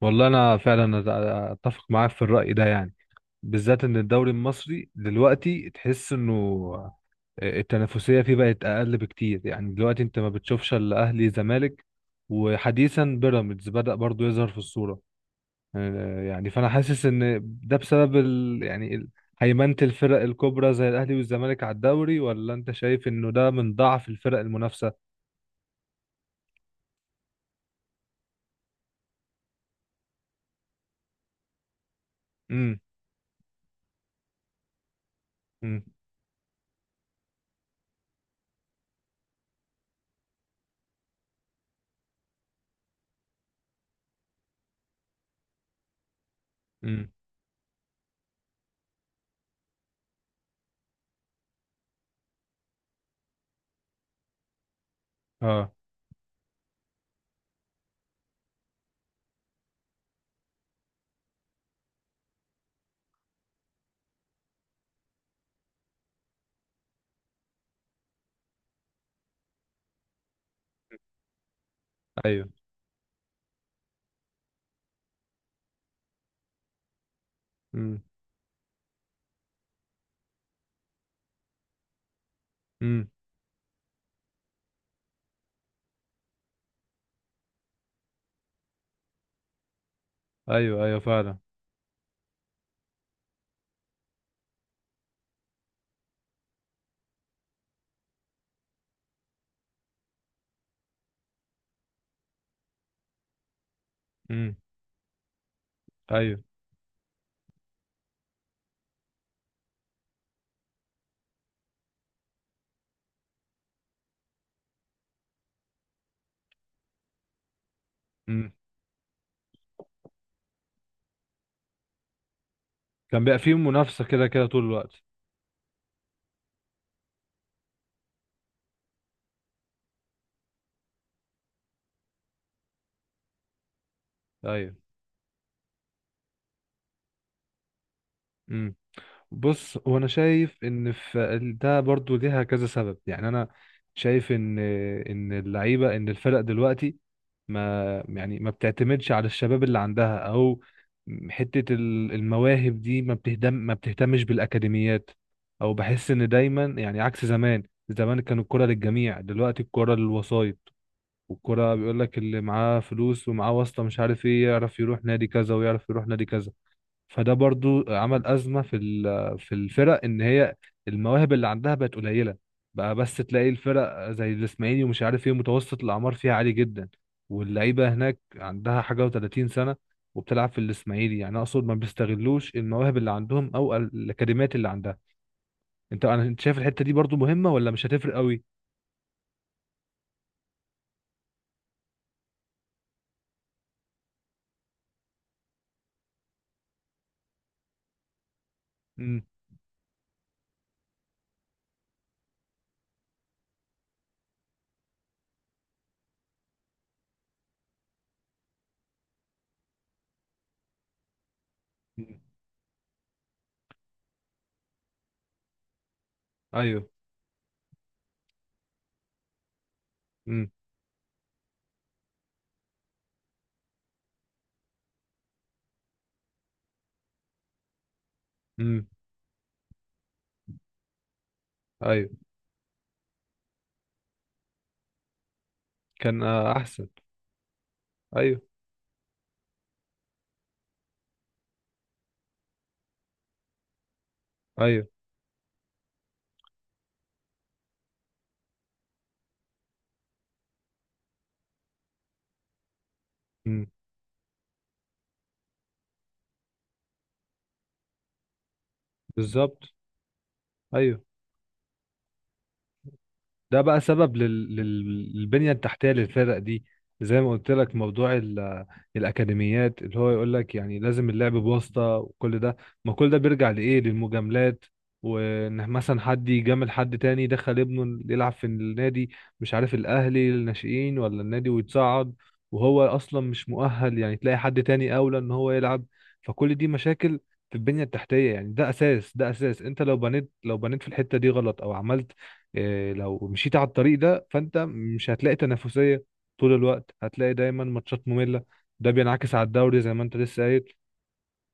والله انا فعلا اتفق معاك في الرأي ده، يعني بالذات ان الدوري المصري دلوقتي تحس انه التنافسية فيه بقت اقل بكتير. يعني دلوقتي انت ما بتشوفش الا اهلي زمالك، وحديثا بيراميدز بدأ برضو يظهر في الصورة. يعني فانا حاسس ان ده بسبب يعني هيمنة الفرق الكبرى زي الاهلي والزمالك على الدوري، ولا انت شايف انه ده من ضعف الفرق المنافسة؟ امم. امم. امم. اه. ايوه. امم. امم. ايوه ايوه فعلا. امم. ايوه. امم. كان بيبقى فيه منافسه كده كده طول الوقت. ايوه. امم. بص، هو انا شايف ان في ده برضو ليها كذا سبب. يعني انا شايف ان اللعيبه، ان الفرق دلوقتي ما بتعتمدش على الشباب اللي عندها، او حته المواهب دي، ما بتهتمش بالاكاديميات. او بحس ان دايما يعني عكس زمان، زمان كانوا الكرة للجميع، دلوقتي الكرة للوسائط، والكرة بيقول لك اللي معاه فلوس ومعاه واسطة مش عارف ايه، يعرف يروح نادي كذا ويعرف يروح نادي كذا. فده برضو عمل أزمة في الفرق، إن هي المواهب اللي عندها بقت قليلة. بقى بس تلاقي الفرق زي الإسماعيلي ومش عارف ايه، متوسط الأعمار فيها عالي جدا، واللعيبة هناك عندها حاجة و30 سنة وبتلعب في الإسماعيلي. يعني أقصد ما بيستغلوش المواهب اللي عندهم أو الأكاديميات اللي عندها. أنت شايف الحتة دي برضو مهمة ولا مش هتفرق قوي؟ امم. امم، أيوه. امم. امم. ايوه. كان احسن. ايوه. ايوه. مم. بالظبط. ايوه. ده بقى سبب للبنية التحتية للفرق دي، زي ما قلت لك، موضوع الأكاديميات اللي هو يقول لك يعني لازم اللعب بواسطة وكل ده. ما كل ده بيرجع لإيه، للمجاملات، وإن مثلا حد يجامل حد تاني دخل ابنه يلعب في النادي، مش عارف الأهلي الناشئين ولا النادي، ويتصعد وهو أصلا مش مؤهل. يعني تلاقي حد تاني أولى إن هو يلعب، فكل دي مشاكل في البنية التحتية. يعني ده أساس، ده أساس، أنت لو بنيت، في الحتة دي غلط، أو عملت لو مشيت على الطريق ده، فانت مش هتلاقي تنافسيه طول الوقت، هتلاقي دايما ماتشات ممله. ده بينعكس على الدوري زي ما انت لسه قايل،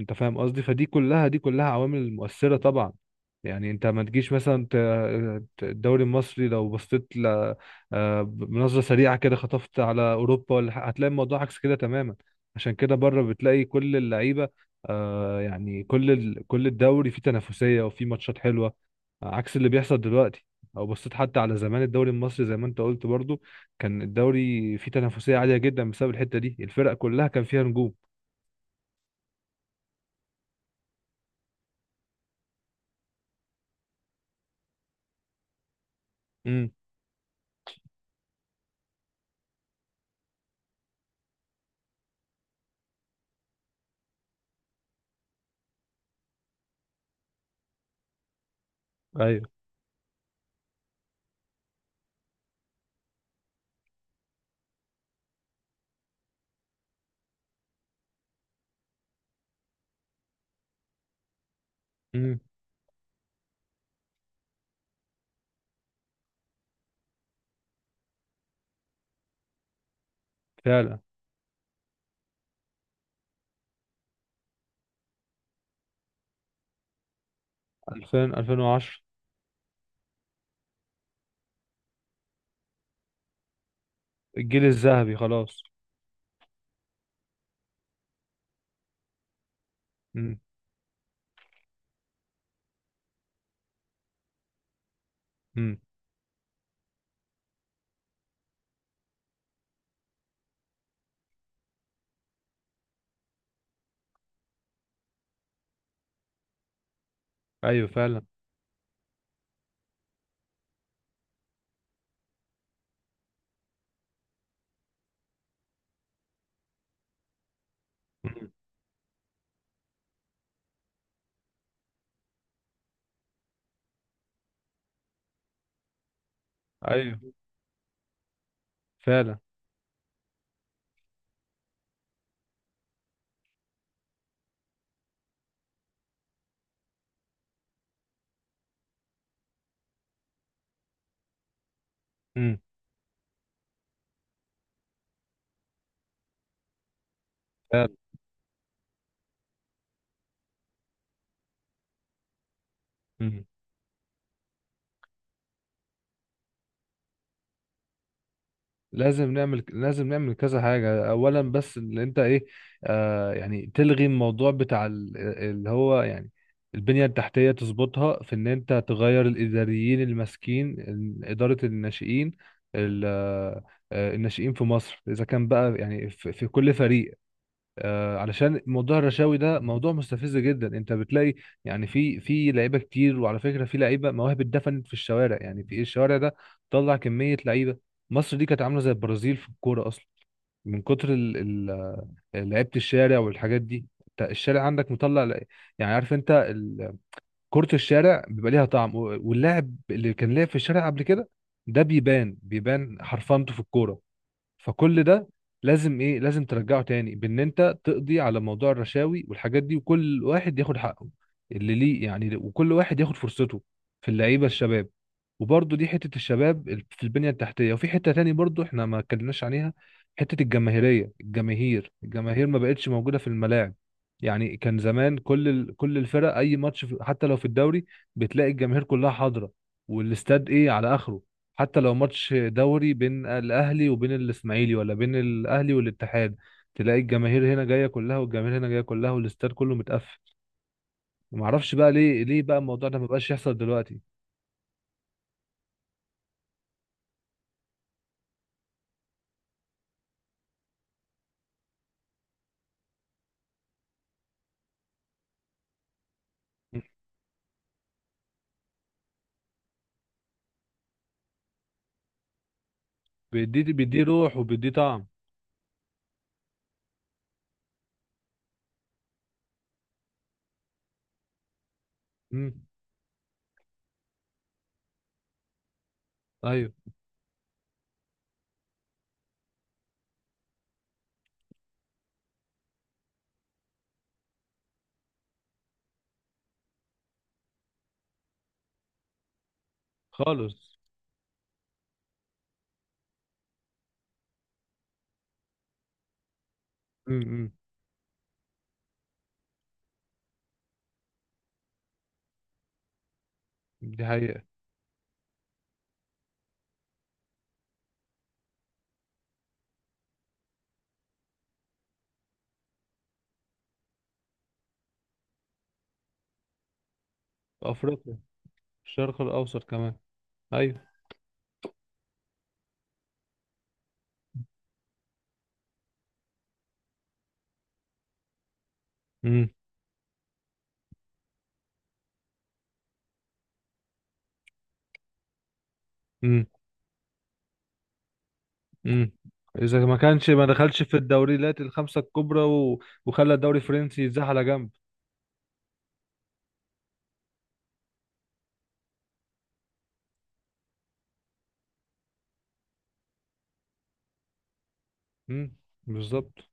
انت فاهم قصدي. فدي كلها دي كلها عوامل مؤثرة طبعا. يعني انت ما تجيش مثلا الدوري المصري لو بصيت ل آه، بنظرة سريعة كده، خطفت على اوروبا ولا حاجة، هتلاقي الموضوع عكس كده تماما. عشان كده بره بتلاقي كل اللعيبة، يعني كل الدوري فيه تنافسية وفيه ماتشات حلوة، عكس اللي بيحصل دلوقتي. او بصيت حتى على زمان الدوري المصري، زي ما انت قلت برضو، كان الدوري فيه تنافسية عالية جدا بسبب الحتة دي، الفرق كلها كان فيها نجوم. امم. ايوه. مم. فعلا. 2000 2010. الجيل الذهبي خلاص. امم. امم. ايوه فعلا. امم. ايوه فعلا. امم. فعلا. امم. لازم نعمل، كذا حاجة اولا. بس اللي انت، ايه يعني، تلغي الموضوع بتاع اللي هو يعني البنية التحتية، تظبطها في ان انت تغير الاداريين اللي ماسكين ادارة الناشئين، ال- الناشئين في مصر، اذا كان بقى يعني في كل فريق. علشان موضوع الرشاوي ده موضوع مستفز جدا. انت بتلاقي يعني في لعيبه كتير، وعلى فكره في لعيبه مواهب اتدفنت في الشوارع، يعني في ايه الشوارع ده، طلع كميه لعيبه. مصر دي كانت عامله زي البرازيل في الكوره اصلا، من كتر لعيبه الشارع والحاجات دي. انت الشارع عندك مطلع يعني عارف انت، كره الشارع بيبقى ليها طعم، واللاعب اللي كان لاعب في الشارع قبل كده، ده بيبان، حرفنته في الكوره. فكل ده لازم ايه، لازم ترجعه تاني بان انت تقضي على موضوع الرشاوي والحاجات دي، وكل واحد ياخد حقه اللي ليه يعني، وكل واحد ياخد فرصته في اللعيبه الشباب. وبرضه دي حته الشباب، في البنيه التحتيه. وفي حته تاني برضه احنا ما اتكلمناش عليها، حته الجماهيريه، الجماهير ما بقتش موجوده في الملاعب. يعني كان زمان كل كل الفرق، اي ماتش حتى لو في الدوري، بتلاقي الجماهير كلها حاضره والاستاد ايه على اخره. حتى لو ماتش دوري بين الاهلي وبين الاسماعيلي، ولا بين الاهلي والاتحاد، تلاقي الجماهير هنا جايه كلها، والجماهير هنا جايه كلها، والاستاد كله متقفل. ما اعرفش بقى ليه، بقى الموضوع ده ما بقاش يحصل دلوقتي؟ مم. بيديه، بيديه روح وبيديه طعم. امم. ايوه. خالص. امم. دي حقيقه. في افريقيا. في الشرق الاوسط كمان. ايوه. امم. امم. امم. اذا ما كانش ما دخلش في الدوريات الخمسه الكبرى وخلى الدوري الفرنسي يتزاح على جنب. امم. بالظبط.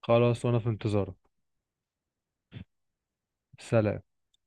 خلاص وانا في انتظارك. سلام.